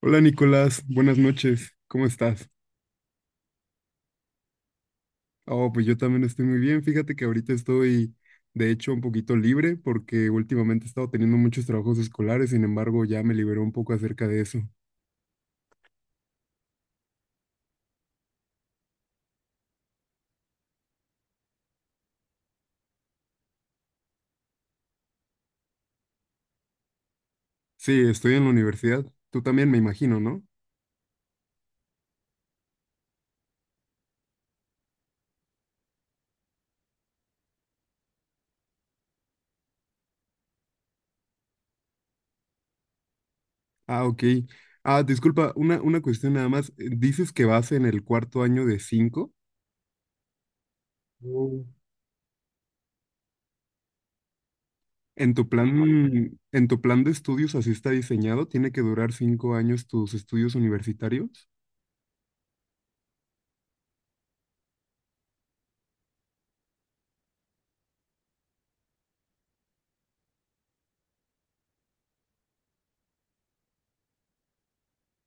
Hola Nicolás, buenas noches, ¿cómo estás? Oh, pues yo también estoy muy bien, fíjate que ahorita estoy de hecho un poquito libre porque últimamente he estado teniendo muchos trabajos escolares, sin embargo ya me liberó un poco acerca de eso. Sí, estoy en la universidad, tú también me imagino, ¿no? Ah, ok. Ah, disculpa, una cuestión nada más, dices que vas en el cuarto año de cinco. Mm. ¿En tu plan de estudios así está diseñado? ¿Tiene que durar 5 años tus estudios universitarios?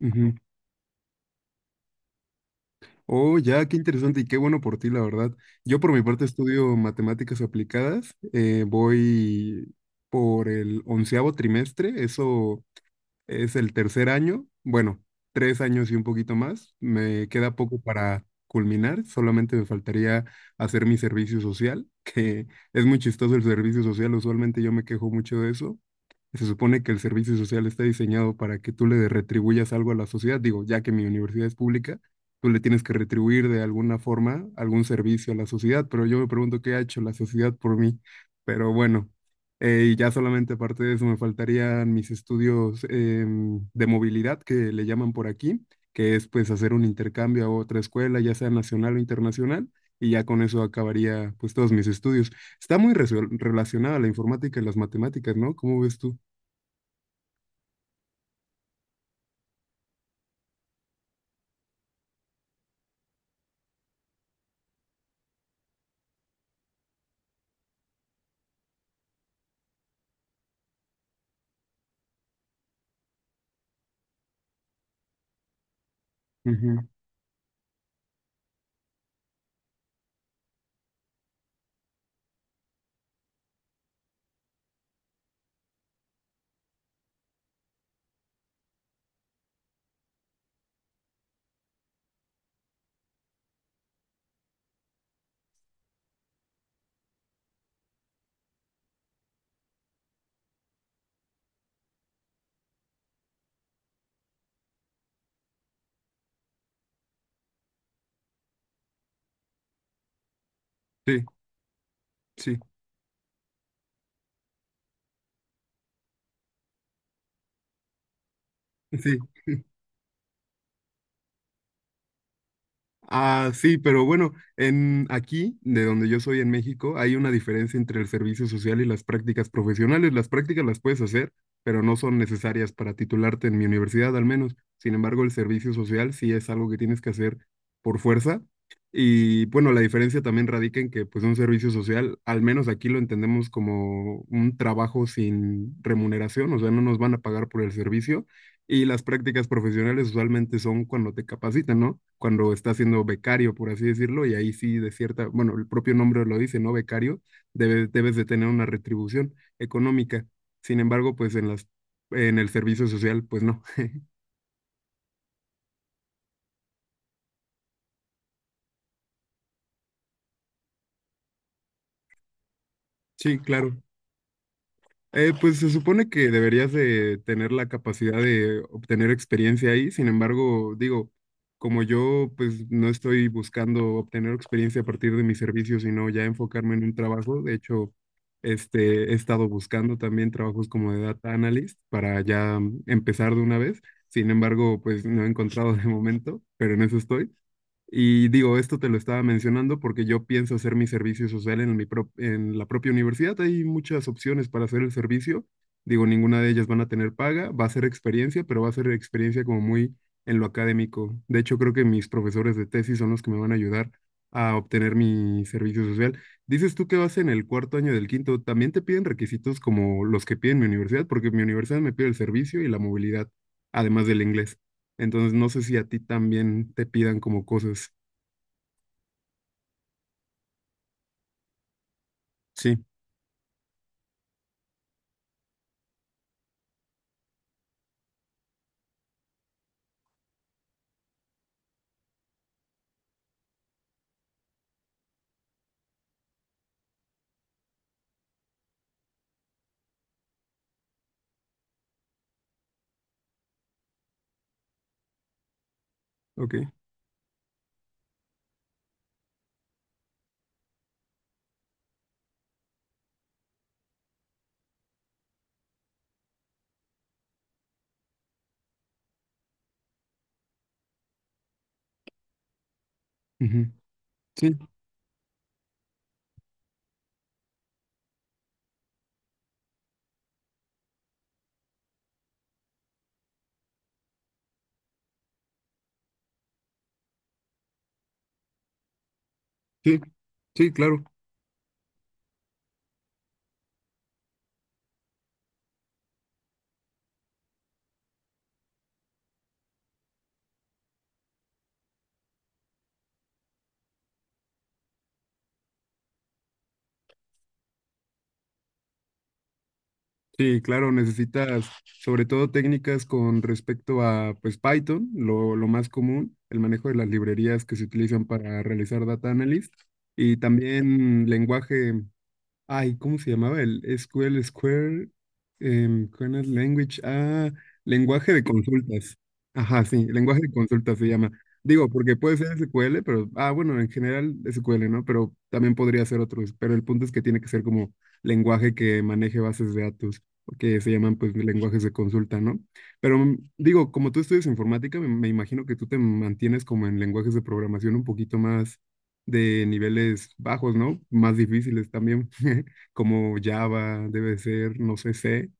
Ujú. Oh, ya, qué interesante y qué bueno por ti, la verdad. Yo por mi parte estudio matemáticas aplicadas, voy por el onceavo trimestre, eso es el tercer año, bueno, 3 años y un poquito más. Me queda poco para culminar, solamente me faltaría hacer mi servicio social, que es muy chistoso el servicio social, usualmente yo me quejo mucho de eso. Se supone que el servicio social está diseñado para que tú le retribuyas algo a la sociedad, digo, ya que mi universidad es pública, tú le tienes que retribuir de alguna forma algún servicio a la sociedad, pero yo me pregunto qué ha hecho la sociedad por mí, pero bueno. Y ya solamente aparte de eso me faltarían mis estudios de movilidad, que le llaman por aquí, que es pues hacer un intercambio a otra escuela, ya sea nacional o internacional, y ya con eso acabaría pues todos mis estudios. Está muy relacionada la informática y las matemáticas, ¿no? ¿Cómo ves tú? Ujú. Sí, sí, sí. Ah, sí, pero bueno, en aquí, de donde yo soy en México, hay una diferencia entre el servicio social y las prácticas profesionales. Las prácticas las puedes hacer, pero no son necesarias para titularte en mi universidad, al menos. Sin embargo, el servicio social sí es algo que tienes que hacer por fuerza. Y bueno, la diferencia también radica en que, pues, un servicio social, al menos aquí lo entendemos como un trabajo sin remuneración, o sea, no nos van a pagar por el servicio y las prácticas profesionales usualmente son cuando te capacitan, ¿no? Cuando estás siendo becario, por así decirlo, y ahí sí de cierta, bueno, el propio nombre lo dice, ¿no? Becario, debes de tener una retribución económica. Sin embargo, pues en el servicio social, pues no. Sí, claro. Pues se supone que deberías de tener la capacidad de obtener experiencia ahí, sin embargo, digo, como yo pues no estoy buscando obtener experiencia a partir de mi servicio, sino ya enfocarme en un trabajo, de hecho, este, he estado buscando también trabajos como de data analyst para ya empezar de una vez, sin embargo, pues no he encontrado de momento, pero en eso estoy. Y digo, esto te lo estaba mencionando porque yo pienso hacer mi servicio social en la propia universidad. Hay muchas opciones para hacer el servicio. Digo, ninguna de ellas van a tener paga, va a ser experiencia, pero va a ser experiencia como muy en lo académico. De hecho, creo que mis profesores de tesis son los que me van a ayudar a obtener mi servicio social. Dices tú que vas en el cuarto año del quinto, ¿también te piden requisitos como los que piden mi universidad? Porque mi universidad me pide el servicio y la movilidad, además del inglés. Entonces, no sé si a ti también te pidan como cosas. Sí, ok. Ujú. Sí, sí, sí, claro. Sí, claro, necesitas sobre todo técnicas con respecto a pues Python, lo más común, el manejo de las librerías que se utilizan para realizar data analysis y también lenguaje. Ay, ¿cómo se llamaba el SQL Square? ¿Cuál es? Language. Ah, lenguaje de consultas. Ajá, sí, lenguaje de consultas se llama. Digo, porque puede ser SQL, pero, ah, bueno, en general SQL, ¿no? Pero también podría ser otros. Pero el punto es que tiene que ser como lenguaje que maneje bases de datos, que se llaman pues lenguajes de consulta, ¿no? Pero digo, como tú estudias informática, me imagino que tú te mantienes como en lenguajes de programación un poquito más de niveles bajos, ¿no? Más difíciles también, como Java debe ser, no sé, C.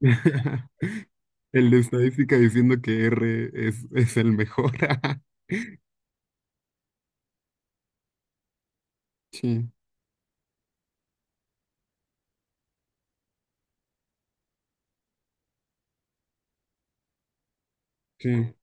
El de estadística diciendo que R es el mejor. Sí, sí.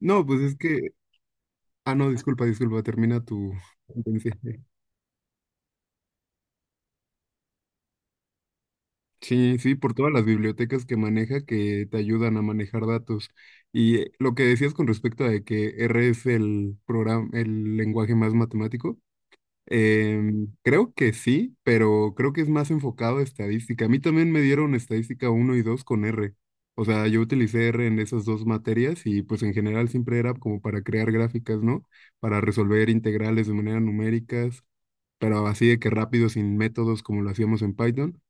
No, pues es que... Ah, no, disculpa, disculpa, termina tu sentencia. Sí, sí, por todas las bibliotecas que maneja que te ayudan a manejar datos. Y lo que decías con respecto a de que R es el programa, el lenguaje más matemático. Creo que sí, pero creo que es más enfocado a estadística. A mí también me dieron estadística uno y 2 con R. O sea, yo utilicé R en esas dos materias y pues en general siempre era como para crear gráficas, ¿no? Para resolver integrales de manera numéricas, pero así de que rápido, sin métodos como lo hacíamos en Python,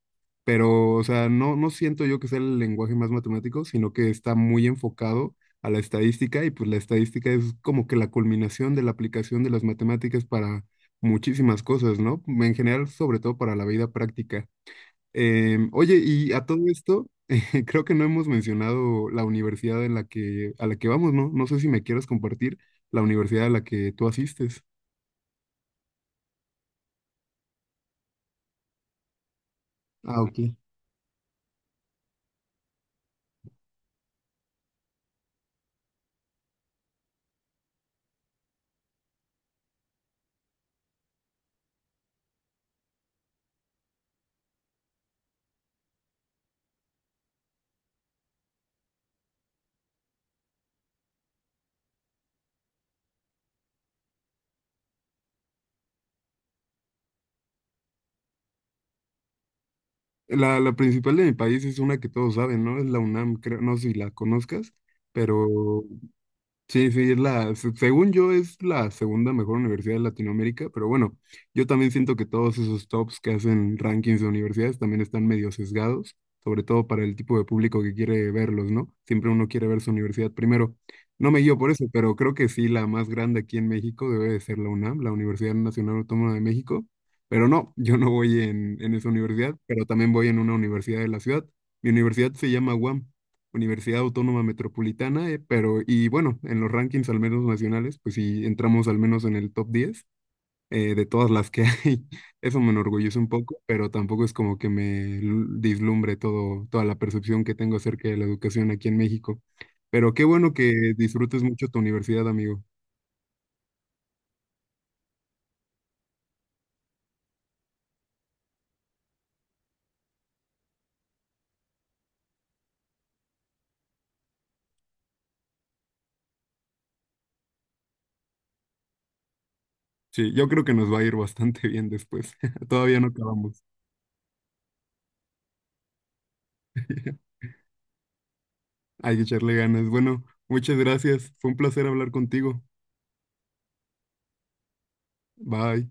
pero, o sea, no, no siento yo que sea el lenguaje más matemático, sino que está muy enfocado a la estadística y pues la estadística es como que la culminación de la aplicación de las matemáticas para muchísimas cosas, ¿no? En general, sobre todo para la vida práctica. Oye, y a todo esto, creo que no hemos mencionado la universidad a la que vamos, ¿no? No sé si me quieras compartir la universidad a la que tú asistes. Ah, ok. La principal de mi país es una que todos saben, ¿no? Es la UNAM, creo, no sé si la conozcas, pero sí, sí, es la, según yo es la segunda mejor universidad de Latinoamérica, pero bueno, yo también siento que todos esos tops que hacen rankings de universidades también están medio sesgados, sobre todo para el tipo de público que quiere verlos, ¿no? Siempre uno quiere ver su universidad primero. No me guío por eso, pero creo que sí, la más grande aquí en México debe de ser la UNAM, la Universidad Nacional Autónoma de México, pero no, yo no voy en esa universidad, pero también voy en una universidad de la ciudad. Mi universidad se llama UAM. Universidad Autónoma Metropolitana, pero y bueno, en los rankings al menos nacionales, pues sí entramos al menos en el top 10 de todas las que hay. Eso me enorgullece un poco, pero tampoco es como que dislumbre todo, toda la percepción que tengo acerca de la educación aquí en México. Pero qué bueno que disfrutes mucho tu universidad, amigo. Sí, yo creo que nos va a ir bastante bien después. Todavía no acabamos. Hay que echarle ganas. Bueno, muchas gracias. Fue un placer hablar contigo. Bye.